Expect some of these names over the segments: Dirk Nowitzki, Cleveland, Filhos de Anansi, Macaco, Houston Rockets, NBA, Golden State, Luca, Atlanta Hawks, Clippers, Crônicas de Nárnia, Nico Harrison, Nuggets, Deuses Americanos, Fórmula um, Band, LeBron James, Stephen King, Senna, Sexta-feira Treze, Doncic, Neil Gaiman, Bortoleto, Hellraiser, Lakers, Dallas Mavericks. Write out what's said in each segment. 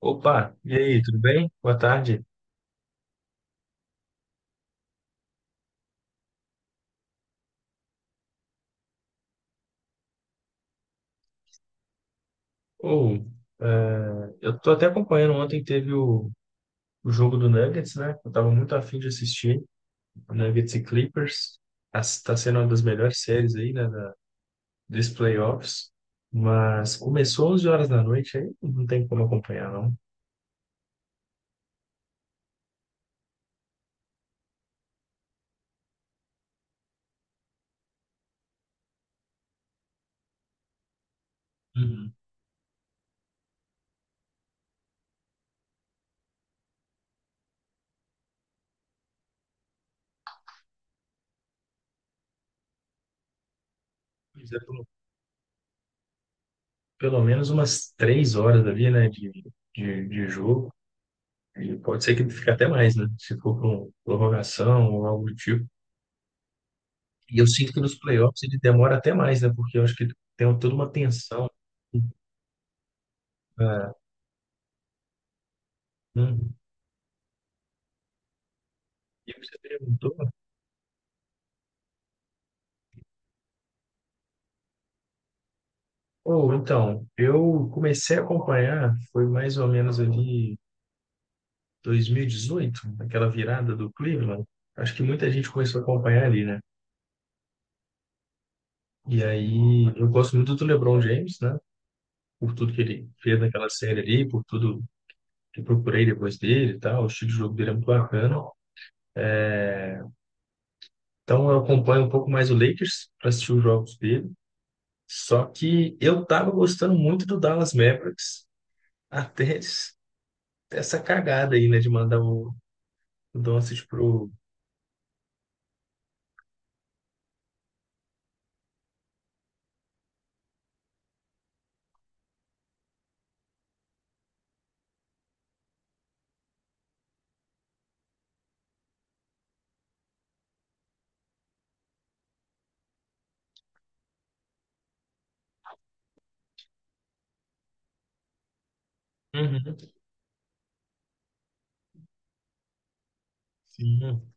Opa, e aí, tudo bem? Boa tarde. Ou, é, eu tô até acompanhando, ontem teve o jogo do Nuggets, né? Eu tava muito afim de assistir, Nuggets e Clippers. Tá sendo uma das melhores séries aí, né, dos playoffs. Mas começou 11 horas da noite, aí não tem como acompanhar, não. Uhum. Pois é, pelo menos umas três horas ali, né, de jogo. E pode ser que fique até mais, né? Se for com prorrogação ou algo do tipo. E eu sinto que nos playoffs ele demora até mais, né? Porque eu acho que tem toda uma tensão. Ah, hum. E você perguntou? Ou então, eu comecei a acompanhar, foi mais ou menos ali 2018, aquela virada do Cleveland. Acho que muita gente começou a acompanhar ali, né? E aí, eu gosto muito do LeBron James, né? Por tudo que ele fez naquela série ali, por tudo que eu procurei depois dele e tal. O estilo de jogo dele é muito bacana. Então, eu acompanho um pouco mais o Lakers para assistir os jogos dele. Só que eu tava gostando muito do Dallas Mavericks até essa cagada aí, né, de mandar o Doncic pro. Uhum, sim.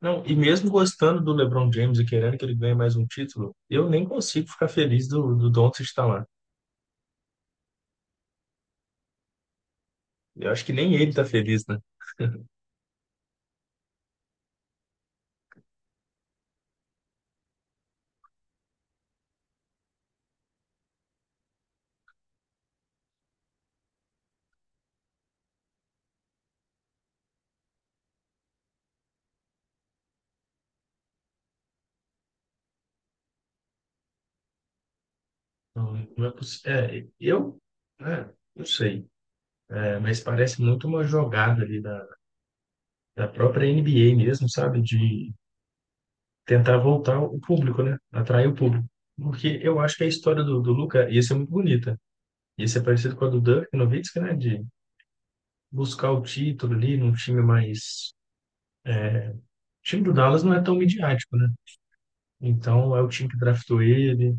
Não, e mesmo gostando do LeBron James e querendo que ele ganhe mais um título, eu nem consigo ficar feliz do Doncic estar lá. Eu acho que nem ele tá feliz, né? Não, não é possível. É, não sei. É, mas parece muito uma jogada ali da própria NBA mesmo, sabe? De tentar voltar o público, né? Atrair o público. Porque eu acho que a história do Luca ia ser muito bonita. Ia ser parecido com a do Dirk Nowitzki, né? De buscar o título ali num time mais... O time do Dallas não é tão midiático, né? Então, é o time que draftou ele.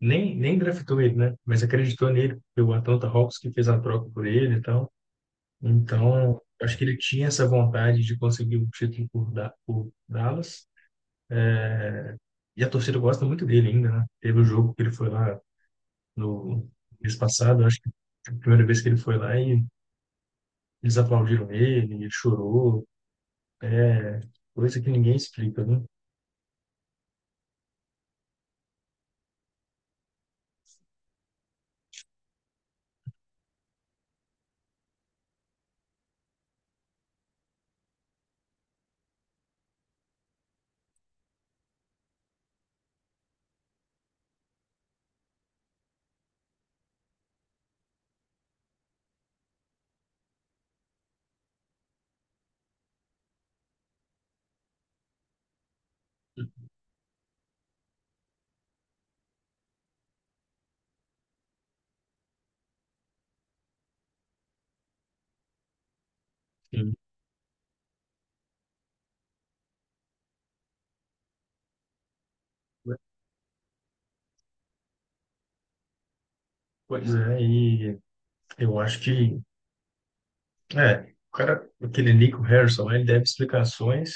Nem draftou ele, né? Mas acreditou nele. Foi o Atlanta Hawks que fez a troca por ele e tal. Então, acho que ele tinha essa vontade de conseguir o título por Dallas. É, e a torcida gosta muito dele ainda, né? Teve o jogo que ele foi lá no mês passado, acho que foi a primeira vez que ele foi lá e eles aplaudiram ele, ele chorou, é coisa que ninguém explica, né? Sim. Pois é, e eu acho o cara, aquele Nico Harrison, ele deve explicações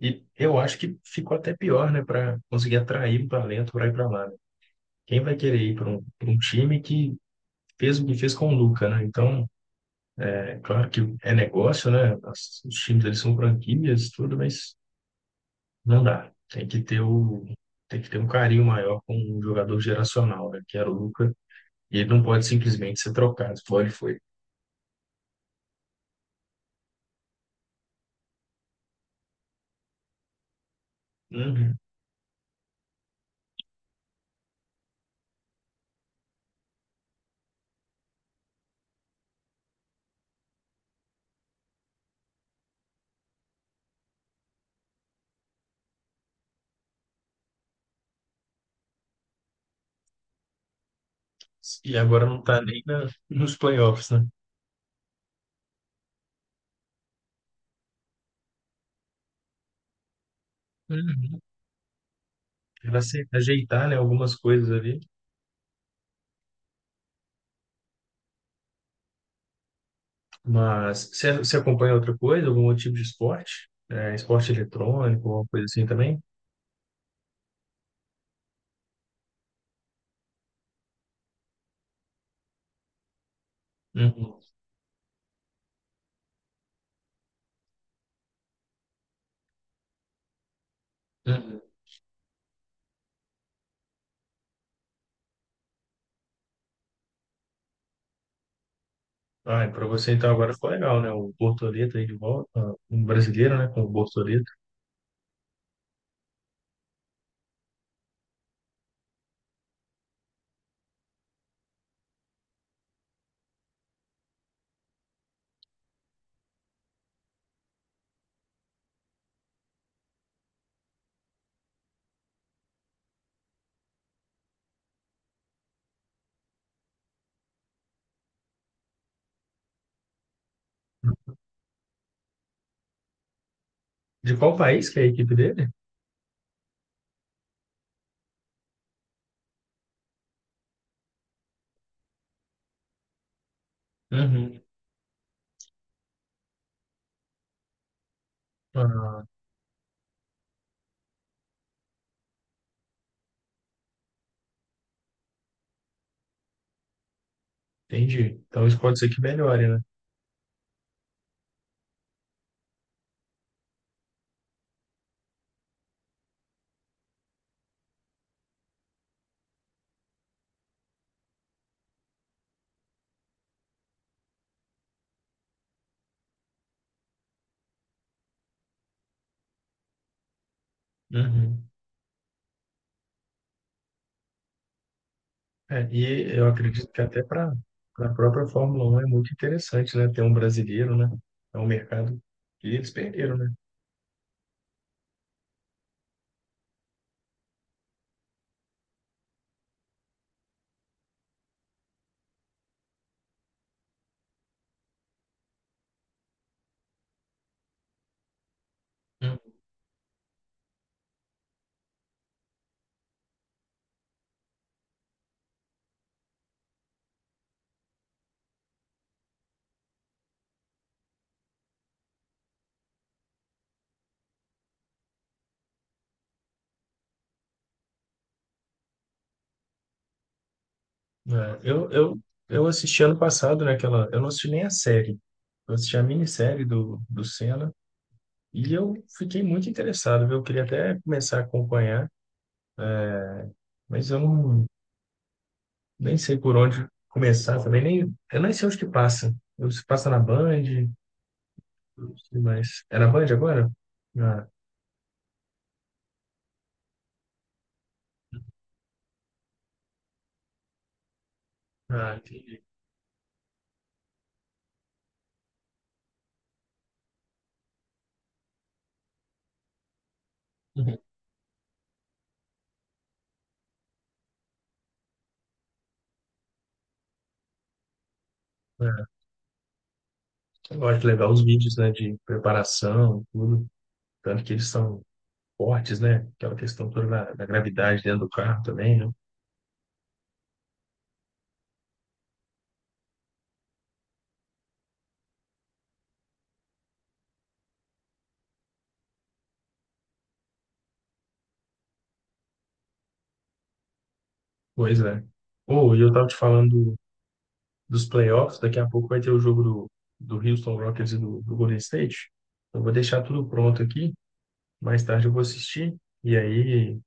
e eu acho que ficou até pior, né, para conseguir atrair um talento para ir para lá, né? Quem vai querer ir para pra um time que fez o que fez com o Luka, né? Então, é claro que é negócio, né? Os times eles são franquias, tudo, mas não dá. Tem que ter um carinho maior com um jogador geracional, né? Que era o Luca. E ele não pode simplesmente ser trocado. Foi, ele foi. Uhum. E agora não tá nem na, nos playoffs, né? Uhum. Pra se ajeitar, né, algumas coisas ali. Mas você acompanha outra coisa, algum outro tipo de esporte? É, esporte eletrônico, alguma coisa assim também? Uhum. Uhum. Ah, para você então agora ficou legal, né? O Bortoleto aí de volta, ah, um brasileiro, né? Com o Bortoleto. De qual país que é a equipe dele? Uhum. Ah, entendi. Então isso pode ser que melhore, né? Uhum. É, e eu acredito que até para a própria Fórmula um é muito interessante, né? Ter um brasileiro, né? É um mercado que eles perderam, né? Uhum. É, eu, eu, eu assisti ano passado, né? Aquela, eu não assisti nem a série. Eu assisti a minissérie do Senna e eu fiquei muito interessado, viu? Eu queria até começar a acompanhar, mas eu não, nem sei por onde começar também, nem, eu nem sei onde que passa. Eu, se passa na Band, não sei mais. Era Band agora? Ah, ah, entendi. Uhum. Ah, eu gosto de levar os vídeos, né, de preparação, tudo. Tanto que eles são fortes, né? Aquela questão toda da gravidade dentro do carro também, né? Pois é. Pô, e eu tava te falando dos playoffs, daqui a pouco vai ter o jogo do Houston Rockets e do Golden State. Eu vou deixar tudo pronto aqui, mais tarde eu vou assistir, e aí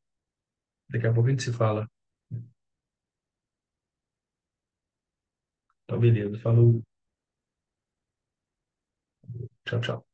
daqui a pouco a gente se fala. Então, beleza. Falou, tchau, tchau.